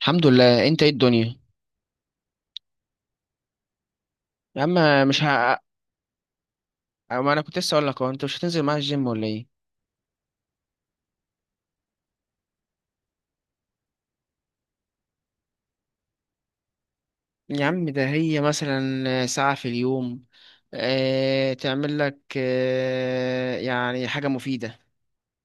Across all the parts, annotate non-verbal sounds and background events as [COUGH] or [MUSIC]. الحمد لله، انت ايه الدنيا؟ يا عم، مش ما انا كنت لسه اقول لك، اهو انت مش هتنزل معايا الجيم ولا ايه؟ يا عم، ده هي مثلا ساعة في اليوم اه... تعمل لك يعني حاجة مفيدة.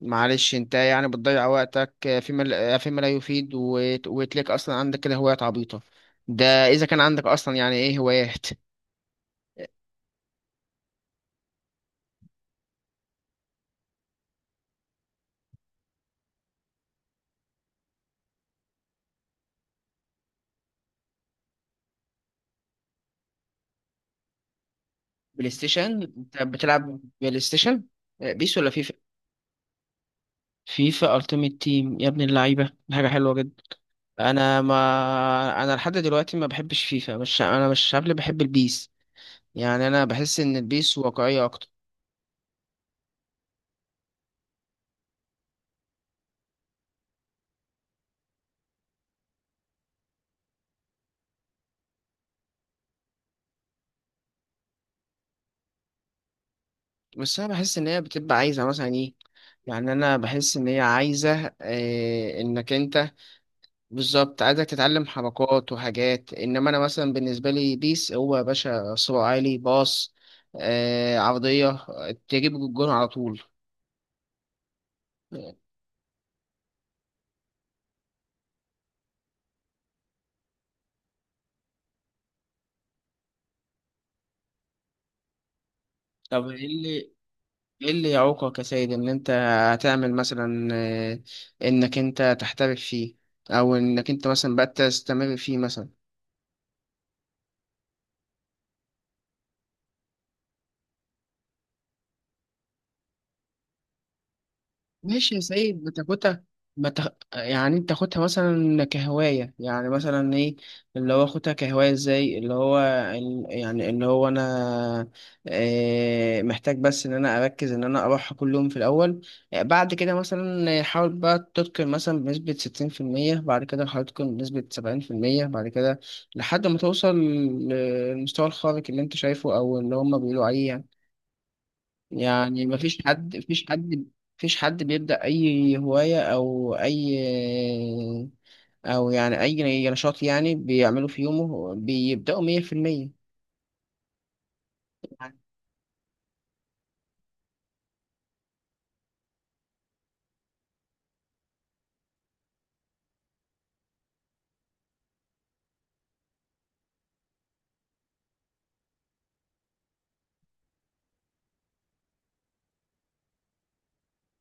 معلش، انت يعني بتضيع وقتك فيما لا يفيد وتلاقي اصلا عندك كده هوايات عبيطة. ده اذا كان عندك اصلا، يعني ايه هوايات؟ بلاي ستيشن؟ انت بتلعب بلاي ستيشن اه، بيس ولا فيفا؟ فيفا التيمت تيم، يا ابن اللعيبة! دي حاجة حلوة. انا، ما انا لحد دلوقتي ما بحبش فيفا. مش انا مش شاب اللي بحب البيس. يعني انا بحس ان البيس واقعيه اكتر. بس انا بحس ان هي بتبقى عايزه مثلا ايه، يعني انا بحس ان هي عايزه إيه، انك انت... بالظبط، عايزك تتعلم حركات وحاجات. انما انا مثلا بالنسبه لي، بيس هو يا باشا صراع عالي باص. عرضيه، تجيب الجون على طول. طب ايه اللي يعوقك يا سيد، ان انت هتعمل مثلا انك انت تحترف فيه، او انك انت مثلا بقى تستمر فيه مثلا. ماشي يا سيد، بتاخدها بتخ... يعني انت تاخدها مثلا كهواية. يعني مثلا ايه اللي هو اخدها كهواية؟ ازاي؟ اللي هو يعني اللي هو انا اه محتاج بس ان انا اركز ان انا اروحها كل يوم في الاول. بعد كده مثلا حاول بقى تتقن مثلا بنسبة 60%، بعد كده حاول تتقن بنسبة 70%، بعد كده لحد ما توصل للمستوى الخارق اللي انت شايفه او اللي هما بيقولوا عليه يعني. يعني مفيش حد بيبدأ أي هواية أو أي أو يعني أي نشاط يعني بيعمله في يومه بيبدأوا 100%.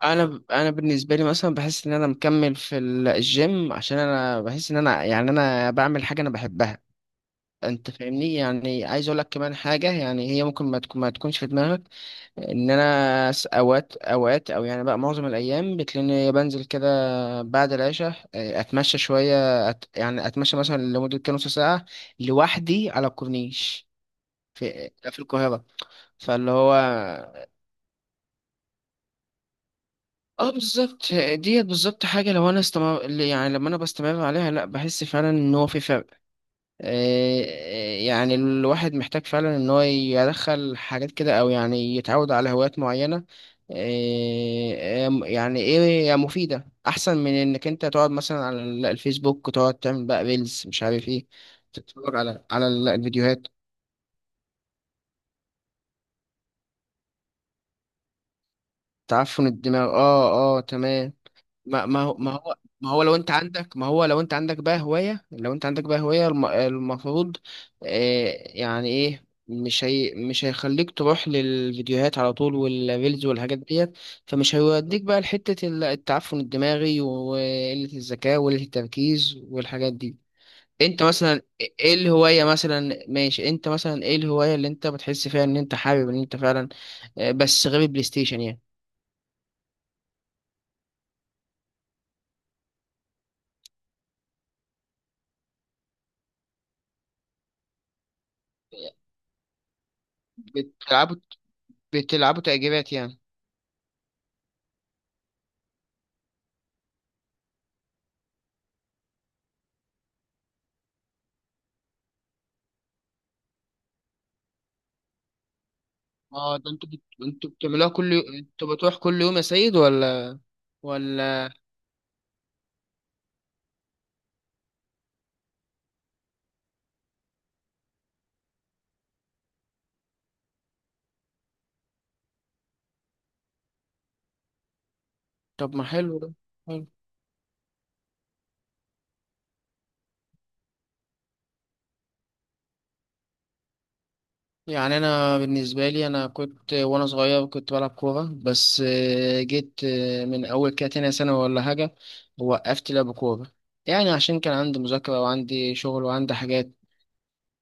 أنا بالنسبة لي مثلا بحس إن أنا مكمل في الجيم، عشان أنا بحس إن أنا بعمل حاجة أنا بحبها. أنت فاهمني، يعني عايز أقول لك كمان حاجة، يعني هي ممكن ما تكونش في دماغك. ان انا اوقات او يعني بقى معظم الايام بتلاقيني بنزل كده بعد العشاء اتمشى شويه يعني اتمشى مثلا لمده كام نص ساعه لوحدي على الكورنيش، في القاهره. فاللي هو اه بالظبط ديت، بالظبط حاجه لو انا استمر، يعني لما انا بستمر عليها، لا، بحس فعلا ان هو في فرق. يعني الواحد محتاج فعلا ان هو يدخل حاجات كده، او يعني يتعود على هوايات معينة، إيه، يعني ايه مفيدة، احسن من انك انت تقعد مثلا على الفيسبوك، تقعد تعمل بقى ريلز مش عارف ايه، تتفرج على الفيديوهات. تعفن الدماغ، اه. اه، تمام. ما هو لو انت عندك، ما هو لو انت عندك بقى هواية، المفروض آه يعني ايه، مش هيخليك تروح للفيديوهات على طول والريلز والحاجات ديت. فمش هيوديك بقى لحتة التعفن الدماغي وقلة الذكاء وقلة التركيز والحاجات دي. انت مثلا ايه الهواية مثلا؟ ماشي، انت مثلا ايه الهواية اللي انت بتحس فيها ان انت حابب ان انت فعلا، بس غير البلاي ستيشن يعني؟ بتلعبوا بتلعبوا تأجيلات يعني؟ اه، ده انتوا انتوا بتعملوها كل يوم؟ انتوا بتروح كل يوم يا سيد ولا ولا؟ طب ما حلو ده. حلو. يعني انا بالنسبه لي، انا كنت وانا صغير كنت بلعب كوره، بس جيت من اول كده تانية سنه ولا حاجه وقفت لعب كوره. يعني عشان كان عندي مذاكره وعندي شغل وعندي حاجات،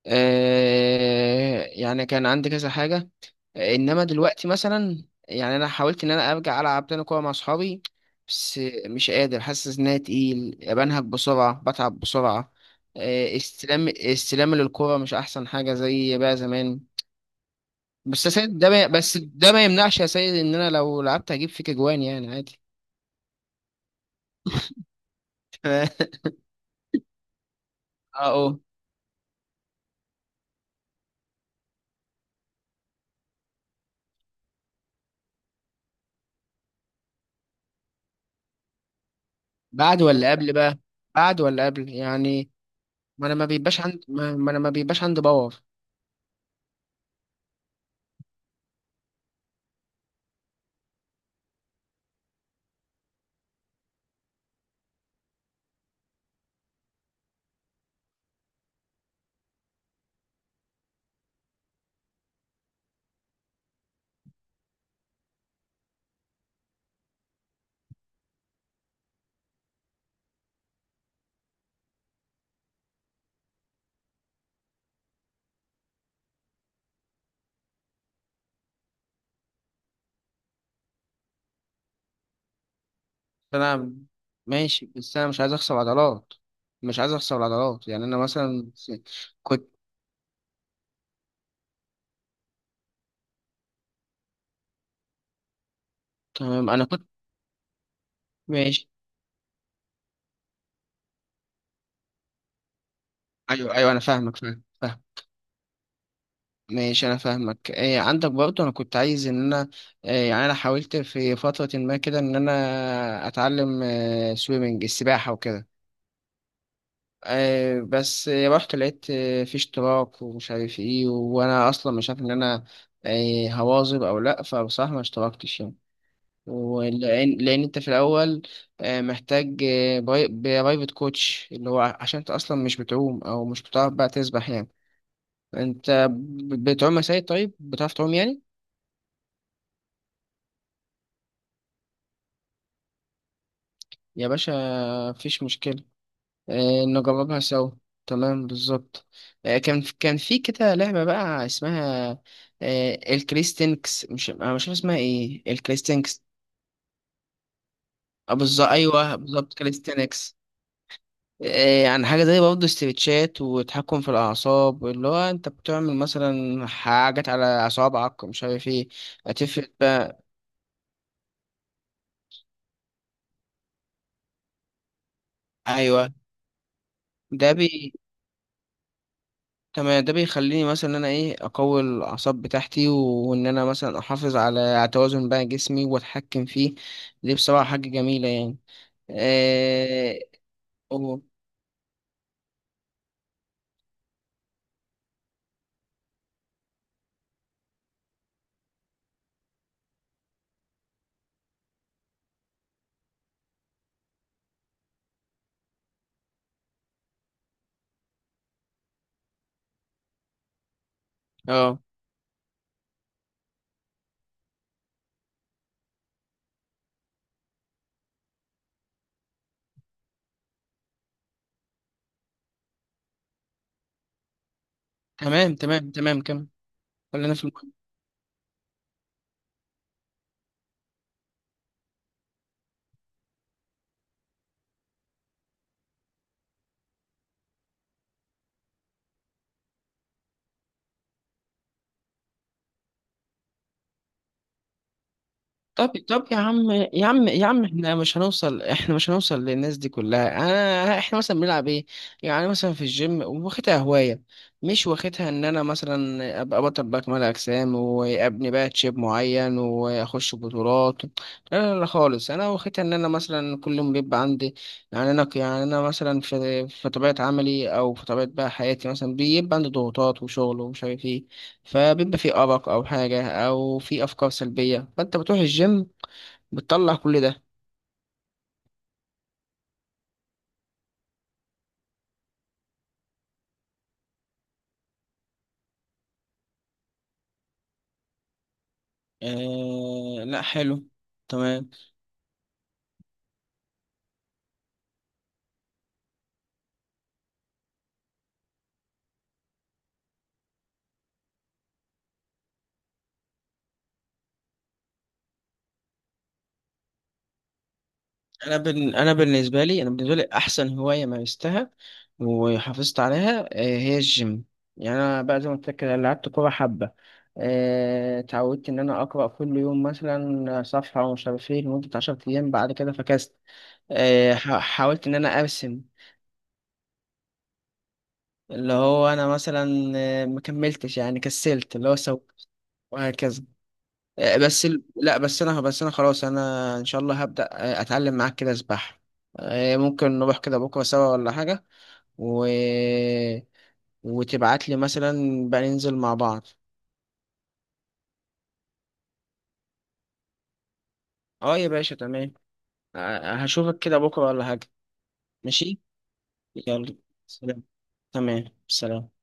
يعني كان عندي كذا حاجة. انما دلوقتي مثلا، يعني انا حاولت ان انا ارجع العب تاني كورة مع اصحابي، بس مش قادر، حاسس ان انا تقيل، بنهج بسرعة، بتعب بسرعة. استلام للكورة مش احسن حاجة زي بقى زمان. بس ده ما يمنعش يا سيد، ان انا لو لعبت هجيب فيك اجوان يعني عادي. [LAUGHS] اه، اه. بعد ولا قبل بقى؟ بعد ولا قبل يعني؟ ما انا ما بيبقاش عندي باور. انا ماشي، بس انا مش عايز اخسر عضلات. يعني انا مثلا كنت. تمام، انا كنت. ماشي. ايوه، ايوه، انا فاهمك، فاهم، فاهم. ماشي، انا فاهمك. إيه عندك برضه؟ انا كنت عايز ان انا إيه، يعني انا حاولت في فترة ما كده ان انا اتعلم، إيه، سويمنج، السباحة وكده. إيه، بس رحت لقيت، إيه، في اشتراك ومش عارف ايه، وانا اصلا مش عارف ان انا إيه هواظب او لا، فبصراحة ما اشتركتش يعني. لأن أنت في الأول محتاج برايفت كوتش، اللي هو عشان أنت أصلا مش بتعوم أو مش بتعرف بقى تسبح يعني. أنت بتعوم يا سيد؟ طيب بتعرف تعوم يعني؟ يا باشا، مفيش مشكلة. نجربها سوا. تمام، بالظبط. كان في كده لعبة بقى اسمها، الكريستينكس، مش أنا مش عارف اسمها إيه، الكريستينكس. بالظبط، أيوه بالظبط، كريستينكس. إيه، يعني حاجة زي برضه استرتشات وتحكم في الأعصاب، اللي هو أنت بتعمل مثلا حاجات على أصابعك ومش عارف إيه. هتفرق بقى. أيوه. ده بي تمام، ده بيخليني مثلا إن أنا إيه أقوي الأعصاب بتاعتي، وإن أنا مثلا أحافظ على توازن بقى جسمي وأتحكم فيه. دي بصراحة حاجة جميلة يعني. إيه؟ أوه. أه، تمام، تمام، تمام، خلينا في المهم. طب يا عم، احنا مش هنوصل للناس دي كلها. احنا مثلا بنلعب ايه؟ يعني مثلا في الجيم واخدها هواية، مش واخدها ان انا مثلا ابقى بطل بقى كمال اجسام وابني بقى تشيب معين واخش بطولات، لا. لا خالص، انا واخدها ان انا مثلا كل يوم بيبقى عندي، يعني انا مثلا في طبيعة عملي او في طبيعة بقى حياتي مثلا بيبقى عندي ضغوطات وشغل ومش عارف ايه. فبيبقى في أرق أو حاجة أو في أفكار سلبية، فأنت بتروح الجيم بتطلع كل ده. لا، حلو. تمام. أنا بالنسبة لي أحسن هواية مارستها وحافظت عليها، هي الجيم. يعني أنا بقى زي ما قلت لك كده، لعبت كورة حبة، اتعودت إن أنا أقرأ كل يوم مثلا صفحة ومش عارف إيه لمدة 10 أيام، بعد كده فكست. حاولت إن أنا أرسم، اللي هو انا مثلا ما كملتش، يعني كسلت، اللي هو سو، وهكذا. لا، بس انا خلاص، انا ان شاء الله هبدأ اتعلم معاك كده سباحة. ممكن نروح كده بكرة سوا ولا حاجة. و... وتبعت لي مثلا، بقى ننزل مع بعض. اه يا باشا، تمام. هشوفك كده بكرة ولا حاجة. ماشي، يلا، سلام. تمام، سلام.